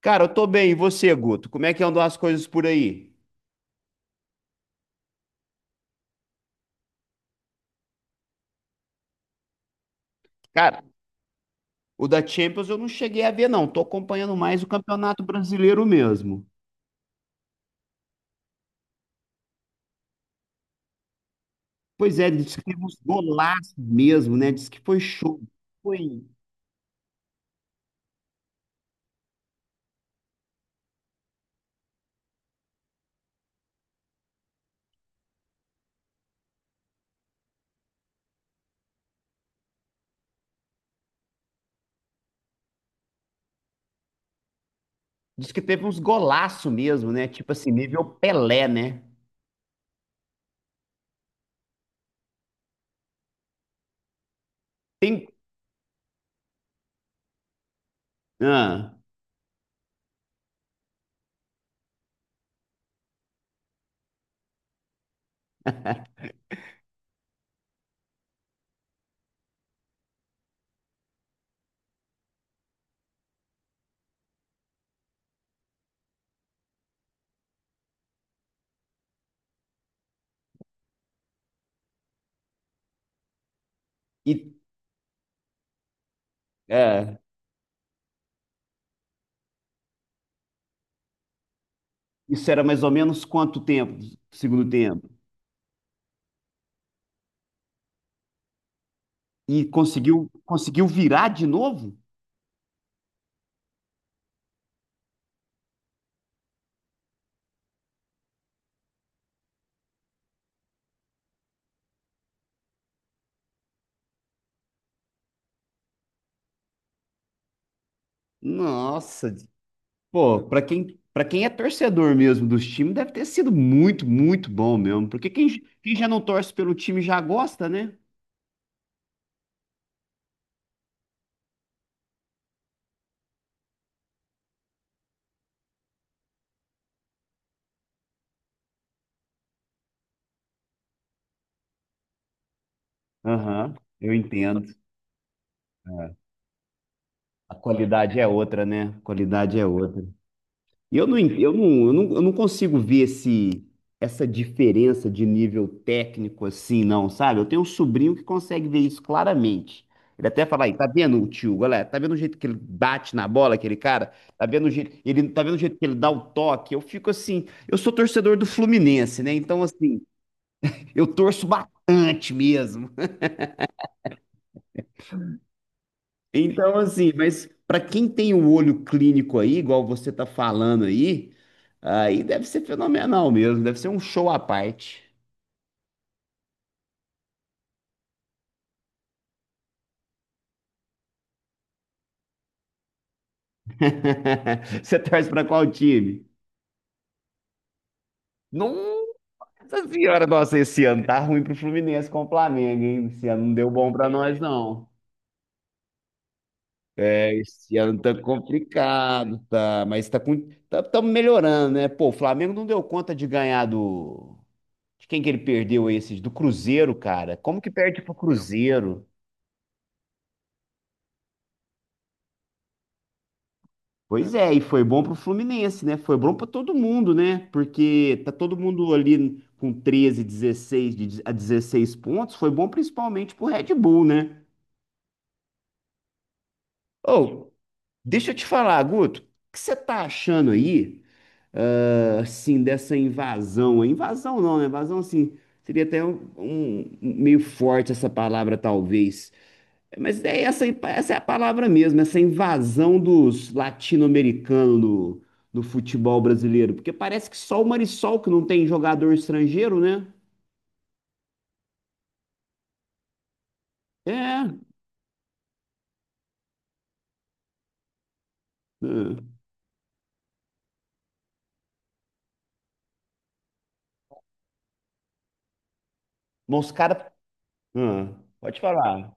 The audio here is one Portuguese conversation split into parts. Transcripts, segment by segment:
Cara, eu tô bem. E você, Guto? Como é que andam as coisas por aí? Cara, o da Champions eu não cheguei a ver, não. Tô acompanhando mais o Campeonato Brasileiro mesmo. Pois é, diz que teve uns golaços mesmo, né? Diz que foi show. Foi. Diz que teve uns golaços mesmo, né? Tipo assim, nível Pelé, né? Tem. Ah, e, é, isso era mais ou menos quanto tempo? Segundo tempo. E conseguiu virar de novo? Nossa, pô, para quem é torcedor mesmo dos times, deve ter sido muito, muito bom mesmo. Porque quem já não torce pelo time já gosta, né? Aham, eu entendo. É. A qualidade é outra, né? A qualidade é outra. E eu não, en- eu não, eu não, Eu não consigo ver essa diferença de nível técnico assim, não, sabe? Eu tenho um sobrinho que consegue ver isso claramente. Ele até fala aí, tá vendo o tio, galera? Tá vendo o jeito que ele bate na bola, aquele cara? Tá vendo o jeito, ele, tá vendo o jeito que ele dá o toque? Eu fico assim, eu sou torcedor do Fluminense, né? Então, assim, eu torço bastante mesmo. Então, assim, mas para quem tem o olho clínico aí, igual você tá falando aí, aí deve ser fenomenal mesmo, deve ser um show à parte. Você torce para qual time? Nossa senhora, nossa, esse ano tá ruim pro Fluminense com o Flamengo, hein? Esse ano não deu bom para nós, não. É, esse ano tá complicado, tá, mas tá melhorando, né? Pô, o Flamengo não deu conta de ganhar de quem que ele perdeu esses? Do Cruzeiro, cara. Como que perde pro Cruzeiro? Pois é, e foi bom pro Fluminense, né? Foi bom pra todo mundo, né? Porque tá todo mundo ali com 13, 16, de- a 16 pontos. Foi bom principalmente pro Red Bull, né? Ô, deixa eu te falar, Guto, o que você tá achando aí, ah, assim, dessa invasão aí? Invasão não, né? Invasão, assim, seria até meio forte essa palavra, talvez. Mas essa é a palavra mesmo, essa invasão dos latino-americanos no futebol brasileiro. Porque parece que só o Marisol que não tem jogador estrangeiro, né? É. É. Mas os caras. Pode falar.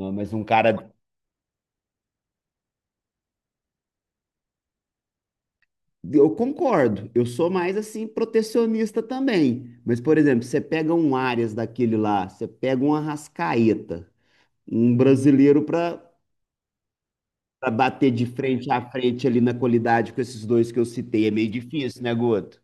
Ah, mas um cara. Eu concordo. Eu sou mais assim, protecionista também. Mas, por exemplo, você pega um Arias daquele lá, você pega um Arrascaeta, um brasileiro para. Para bater de frente a frente ali na qualidade com esses dois que eu citei. É meio difícil, né, Guto?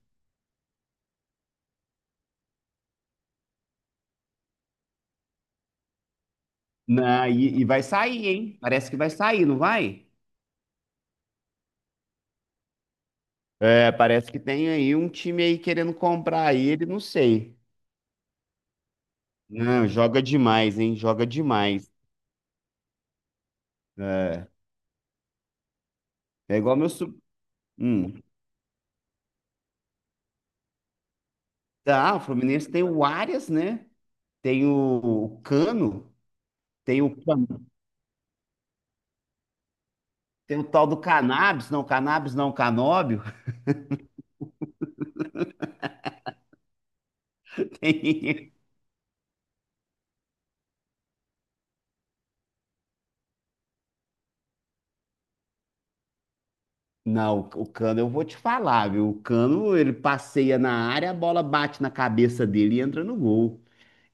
Na, e vai sair, hein? Parece que vai sair, não vai? É, parece que tem aí um time aí querendo comprar ele, não sei. Não, joga demais, hein? Joga demais. É, é igual meu. Sub... Hum. Tá, o Fluminense tem o Arias, né? Tem o, o Cano, tem o, Can- tem o tal do Cannabis não, Canóbio. Tem. Não, o Cano eu vou te falar, viu? O Cano ele passeia na área, a bola bate na cabeça dele e entra no gol.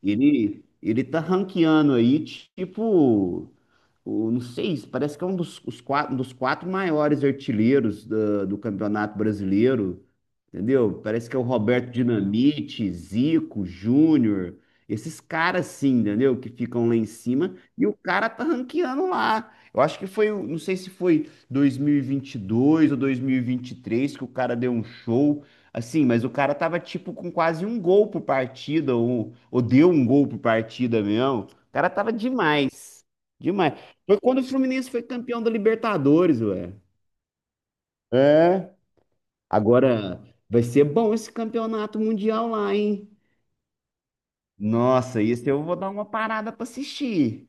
Ele tá ranqueando aí, tipo o, não sei, parece que é os quatro, um dos quatro maiores artilheiros da- do Campeonato Brasileiro, entendeu? Parece que é o Roberto Dinamite, Zico, Júnior, esses caras assim, entendeu? Que ficam lá em cima e o cara tá ranqueando lá. Eu acho que foi, o- não sei se foi 2022 ou 2023 que o cara deu um show. Assim, mas o cara tava tipo com quase um gol por partida, ou deu um gol por partida mesmo. O cara tava demais. Demais. Foi quando o Fluminense foi campeão da Libertadores, ué. É. Agora vai ser bom esse campeonato mundial lá, hein? Nossa, isso eu vou dar uma parada pra assistir.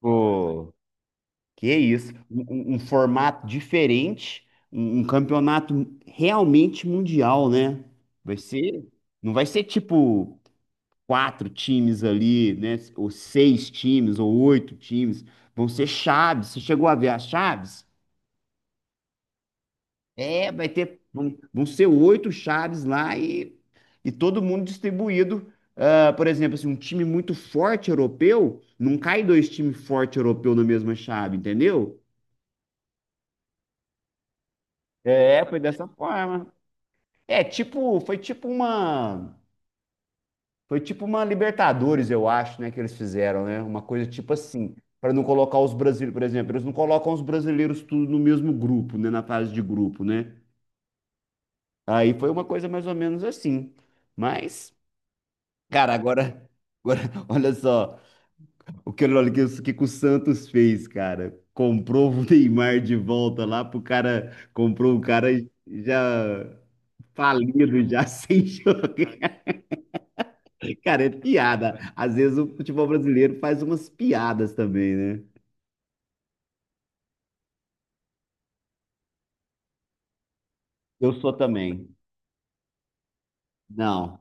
Pô, que isso? Um um formato diferente, um campeonato realmente mundial, né? Vai ser, não vai ser tipo quatro times ali, né? Ou seis times, ou oito times. Vão ser chaves. Você chegou a ver as chaves? É, vai ter, vão ser oito chaves lá e todo mundo distribuído. Ah, por exemplo, assim, um time muito forte europeu, não cai dois times fortes europeus na mesma chave, entendeu? É, foi dessa forma. É, tipo, foi tipo uma Libertadores, eu acho, né, que eles fizeram, né? Uma coisa tipo assim, para não colocar os brasileiros, por exemplo, eles não colocam os brasileiros tudo no mesmo grupo, né, na fase de grupo, né? Aí foi uma coisa mais ou menos assim. Mas cara, agora olha só, olha que, o que que o Santos fez, cara? Comprou o Neymar de volta lá pro cara, comprou o cara já falido, já sem jogar. Cara, é piada. Às vezes o futebol brasileiro faz umas piadas também, né? Eu sou também. Não,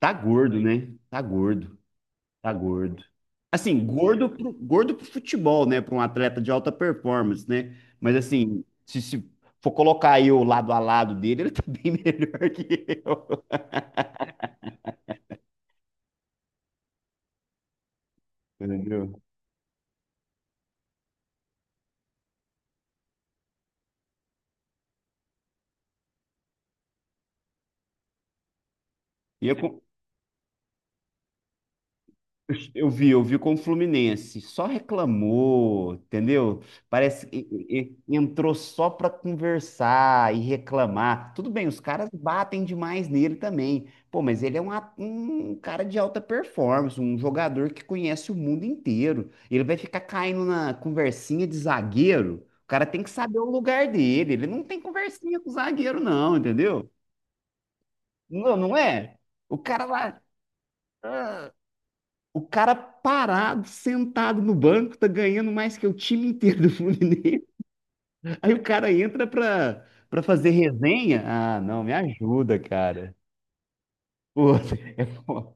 tá gordo, né? Tá gordo. Tá gordo. Assim, gordo pro futebol, né? Para um atleta de alta performance, né? Mas assim, se for colocar eu lado a lado dele, ele tá bem melhor que eu. Entendeu? E eu, con- Eu vi, eu vi com o Fluminense, só reclamou, entendeu? Parece que entrou só para conversar e reclamar. Tudo bem, os caras batem demais nele também. Pô, mas ele é um cara de alta performance, um jogador que conhece o mundo inteiro. Ele vai ficar caindo na conversinha de zagueiro. O cara tem que saber o lugar dele. Ele não tem conversinha com o zagueiro, não, entendeu? Não, não é? O cara lá. O cara parado, sentado no banco, tá ganhando mais que o time inteiro do Fluminense. Aí o cara entra pra fazer resenha. Ah, não, me ajuda, cara. Pô, é foda.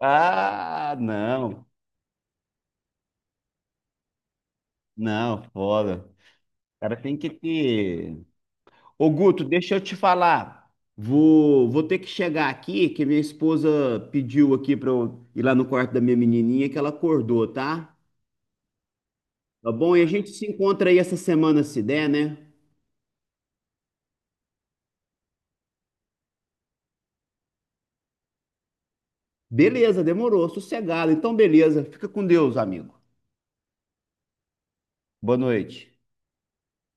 Ah, não, foda. O cara tem que ter. Ô, Guto, deixa eu te falar. Vou ter que chegar aqui, que minha esposa pediu aqui pra eu ir lá no quarto da minha menininha, que ela acordou, tá? Tá bom? E a gente se encontra aí essa semana, se der, né? Beleza, demorou, sossegado. Então, beleza. Fica com Deus, amigo. Boa noite.